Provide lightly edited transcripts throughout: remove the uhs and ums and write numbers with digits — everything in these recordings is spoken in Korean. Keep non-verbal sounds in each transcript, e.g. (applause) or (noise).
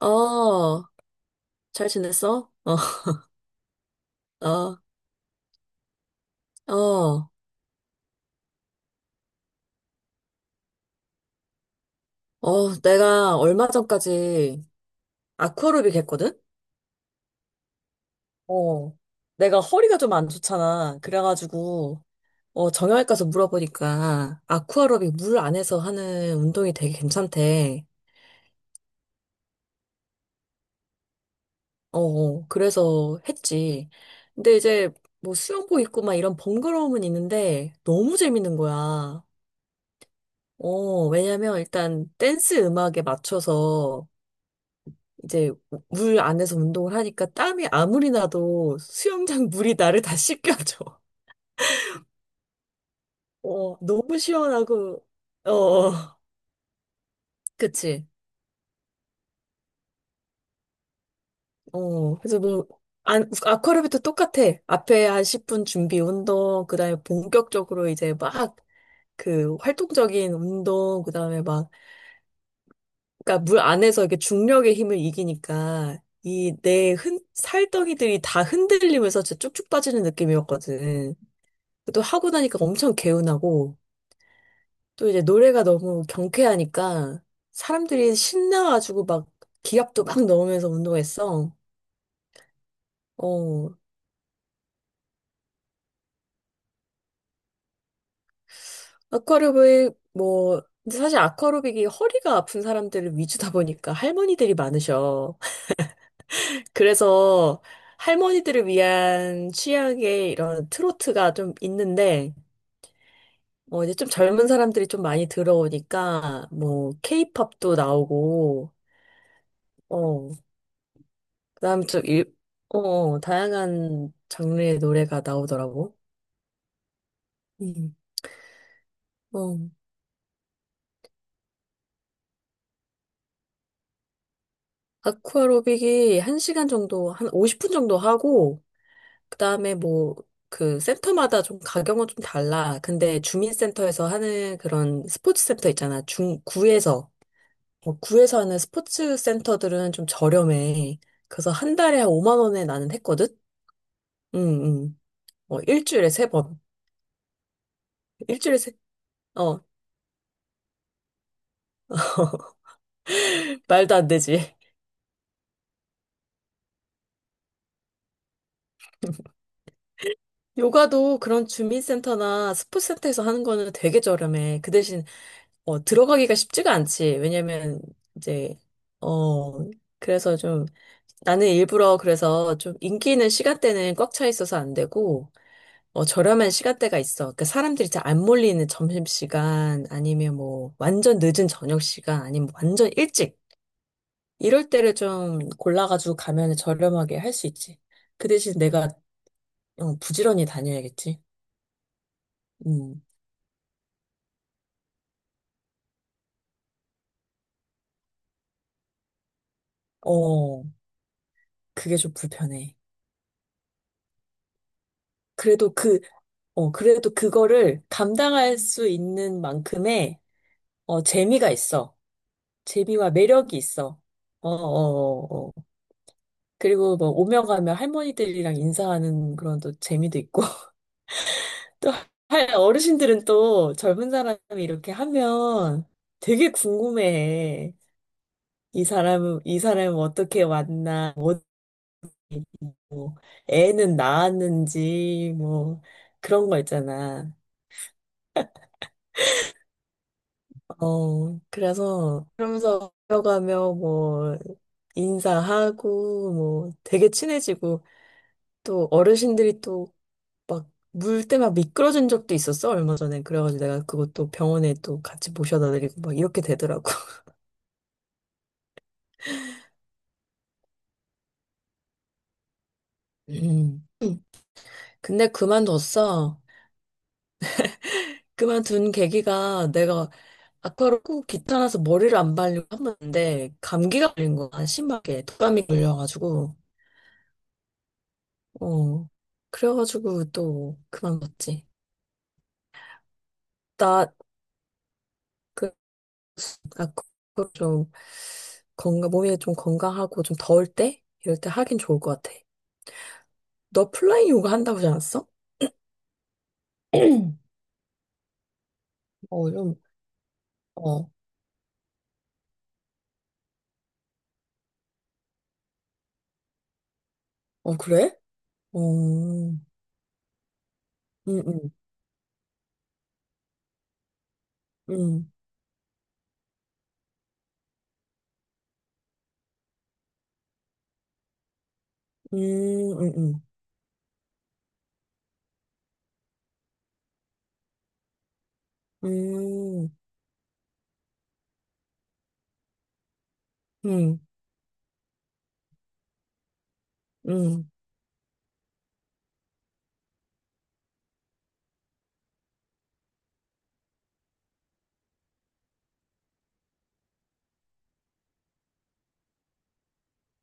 어, 잘 지냈어? 어, (laughs) 어, 어, 내가 얼마 전까지 아쿠아로빅 했거든? 어, 내가 허리가 좀 안 좋잖아. 그래가지고, 정형외과 가서 물어보니까 아쿠아로빅 물 안에서 하는 운동이 되게 괜찮대. 어, 어, 그래서 했지. 근데 이제 뭐 수영복 입고 막 이런 번거로움은 있는데 너무 재밌는 거야. 어, 왜냐면 일단 댄스 음악에 맞춰서 이제 물 안에서 운동을 하니까 땀이 아무리 나도 수영장 물이 나를 다 씻겨줘. (laughs) 어, 너무 시원하고, 어, 어, 그치. 어, 그래서 뭐, 안, 아쿠아로빅도 똑같아. 앞에 한 10분 준비 운동, 그 다음에 본격적으로 이제 막, 그 활동적인 운동, 그 다음에 막, 그러니까 물 안에서 이렇게 중력의 힘을 이기니까, 이 내 살덩이들이 다 흔들리면서 진짜 쭉쭉 빠지는 느낌이었거든. 또 하고 나니까 엄청 개운하고, 또 이제 노래가 너무 경쾌하니까 사람들이 신나가지고 막 기합도 막 넣으면서 운동했어. 어, 아쿠아로빅, 뭐, 근데 사실 아쿠아로빅이 허리가 아픈 사람들을 위주다 보니까 할머니들이 많으셔. (laughs) 그래서 할머니들을 위한 취향의 이런 트로트가 좀 있는데, 어, 이제 좀 젊은 사람들이 좀 많이 들어오니까, 뭐, 케이팝도 나오고, 어, 그다음 다양한 장르의 노래가 나오더라고. 음. 어. 아쿠아로빅이 한 시간 정도, 한 50분 정도 하고, 그다음에 뭐, 그 센터마다 좀 가격은 좀 달라. 근데 주민센터에서 하는 그런 스포츠 센터 있잖아. 구에서. 어, 구에서 하는 스포츠 센터들은 좀 저렴해. 그래서 한 달에 한 5만 원에 나는 했거든? 응, 응. 어, 일주일에 세 번. 일주일에 세, 어, (laughs) 말도 안 되지. 요가도 그런 주민센터나 스포츠센터에서 하는 거는 되게 저렴해. 그 대신, 들어가기가 쉽지가 않지. 왜냐면, 이제, 어, 그래서 좀, 나는 일부러 그래서 좀 인기 있는 시간대는 꽉 차 있어서 안 되고, 어, 저렴한 시간대가 있어. 그러니까 사람들이 잘 안 몰리는 점심시간, 아니면 뭐, 완전 늦은 저녁시간, 아니면 완전 일찍. 이럴 때를 좀 골라가지고 가면 저렴하게 할 수 있지. 그 대신 내가, 부지런히 다녀야겠지. 음. 어. 그게 좀 불편해. 그래도 그래도 그거를 감당할 수 있는 만큼의, 어, 재미가 있어. 재미와 매력이 있어. 어, 어, 어, 어. 그리고 뭐, 오며 가며 할머니들이랑 인사하는 그런 또 재미도 있고, (laughs) 또, 할 어르신들은 또 젊은 사람이 이렇게 하면 되게 궁금해해. 이 사람은 어떻게 왔나, 뭐, 애는 낳았는지, 뭐, 그런 거 있잖아. 어, 그래서 그러면서 걸어가며 뭐 인사하고 뭐 되게 친해지고 또 어르신들이 또 막 물 때 막 미끄러진 적도 있었어 얼마 전에 그래가지고 내가 그것도 병원에 또 같이 모셔다 드리고 막 이렇게 되더라고. (laughs) 음. 근데 그만뒀어. 그만둔 계기가 내가 아까로 꼭 귀찮아서 머리를 안 말리고 한번데 감기가 걸린 거야 심하게 독감이 걸려가지고 어 그래가지고 또 그만뒀지. 나, 그, 아, 그, 그좀 건강, 몸이 좀 건강하고 좀 더울 때? 이럴 때 하긴 좋을 것 같아. 너 플라잉 요가 한다고 하지 않았어? (clears throat) 어, 좀, 어, 그래? 어, 음, 음, 음, 음, 음, 음, 음,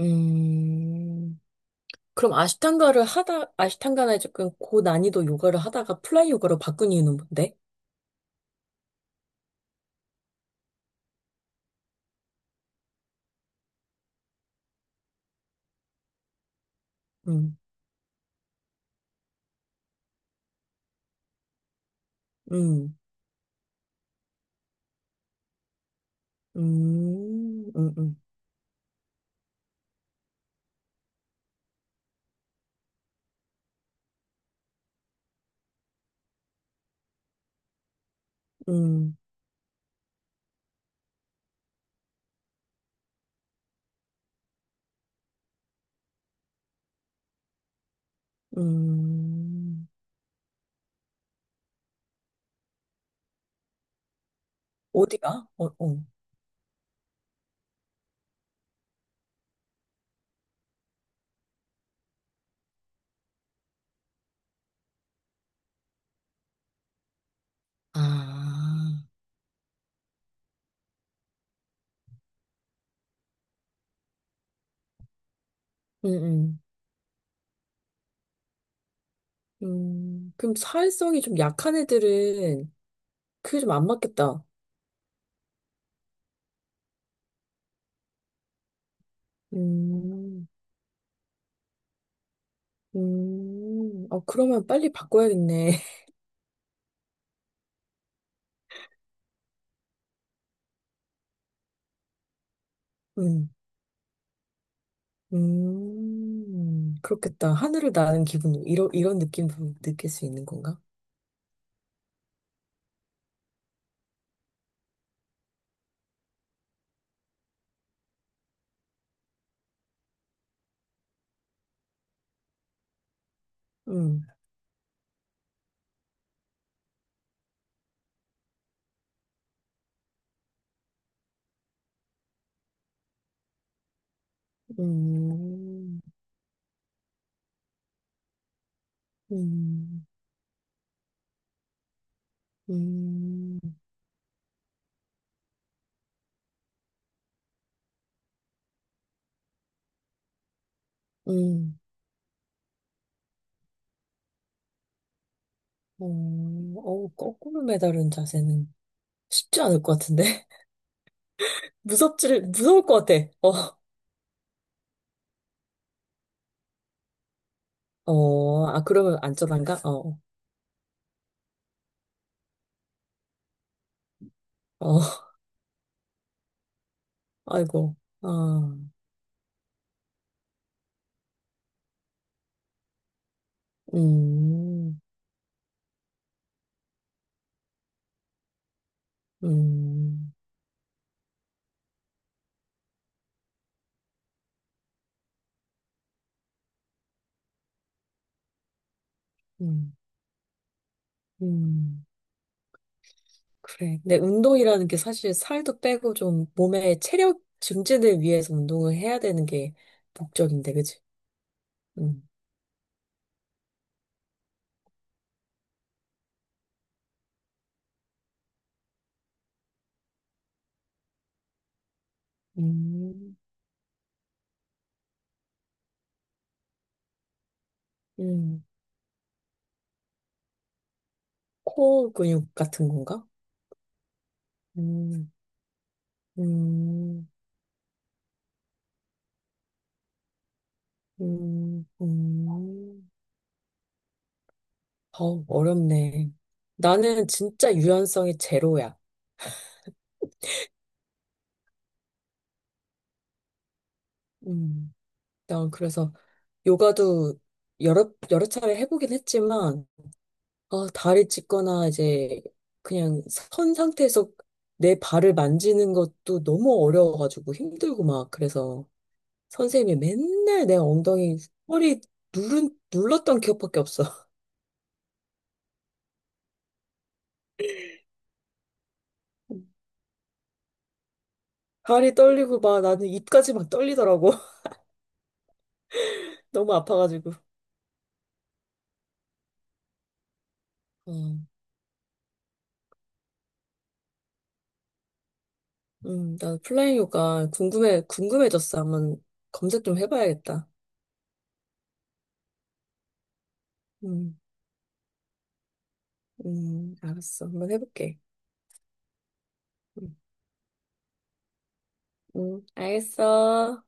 음. 그럼 아시탄가를 하다, 아시탄가나 조금 고난이도 요가를 하다가 플라잉 요가로 바꾼 이유는 뭔데? 음, 음, 음, 음, 음, 음. 음. 어디가? 어, 어. 아, 음, 음. 그럼 사회성이 좀 약한 애들은 그게 좀 안 맞겠다. 음, 어, 그러면 빨리 바꿔야겠네. (laughs) 음, 그렇겠다. 하늘을 나는 기분, 이런, 이런 느낌도 느낄 수 있는 건가? 음, 음, 음, 음, 음, 어, 어, 거꾸로 매달은 자세는 쉽지 않을 것 같은데. 무서울 것 같아. 어, 어, 아, 그러면 안전한가? 어, 어, 아이고, 아, 음, 음, 음, 음, 그래. 근데 운동이라는 게 사실 살도 빼고 좀 몸의 체력 증진을 위해서 운동을 해야 되는 게 목적인데, 그치? 음, 음, 음, 코어 근육 같은 건가? 음, 음, 음, 음. 어, 어렵네. 나는 진짜 유연성이 제로야. 음. 난 그래서 요가도 여러 차례 해보긴 했지만, 아, 다리 찢거나 이제 그냥 선 상태에서 내 발을 만지는 것도 너무 어려워가지고 힘들고 막 그래서 선생님이 맨날 내 엉덩이, 허리 눌렀던 기억밖에 없어. (laughs) 다리 떨리고 막 나는 입까지 막 떨리더라고. (laughs) 너무 아파가지고. 어, 나 플라잉 요가 궁금해졌어. 한번 검색 좀 해봐야겠다. 음, 알았어. 한번 해볼게. 음, 알겠어.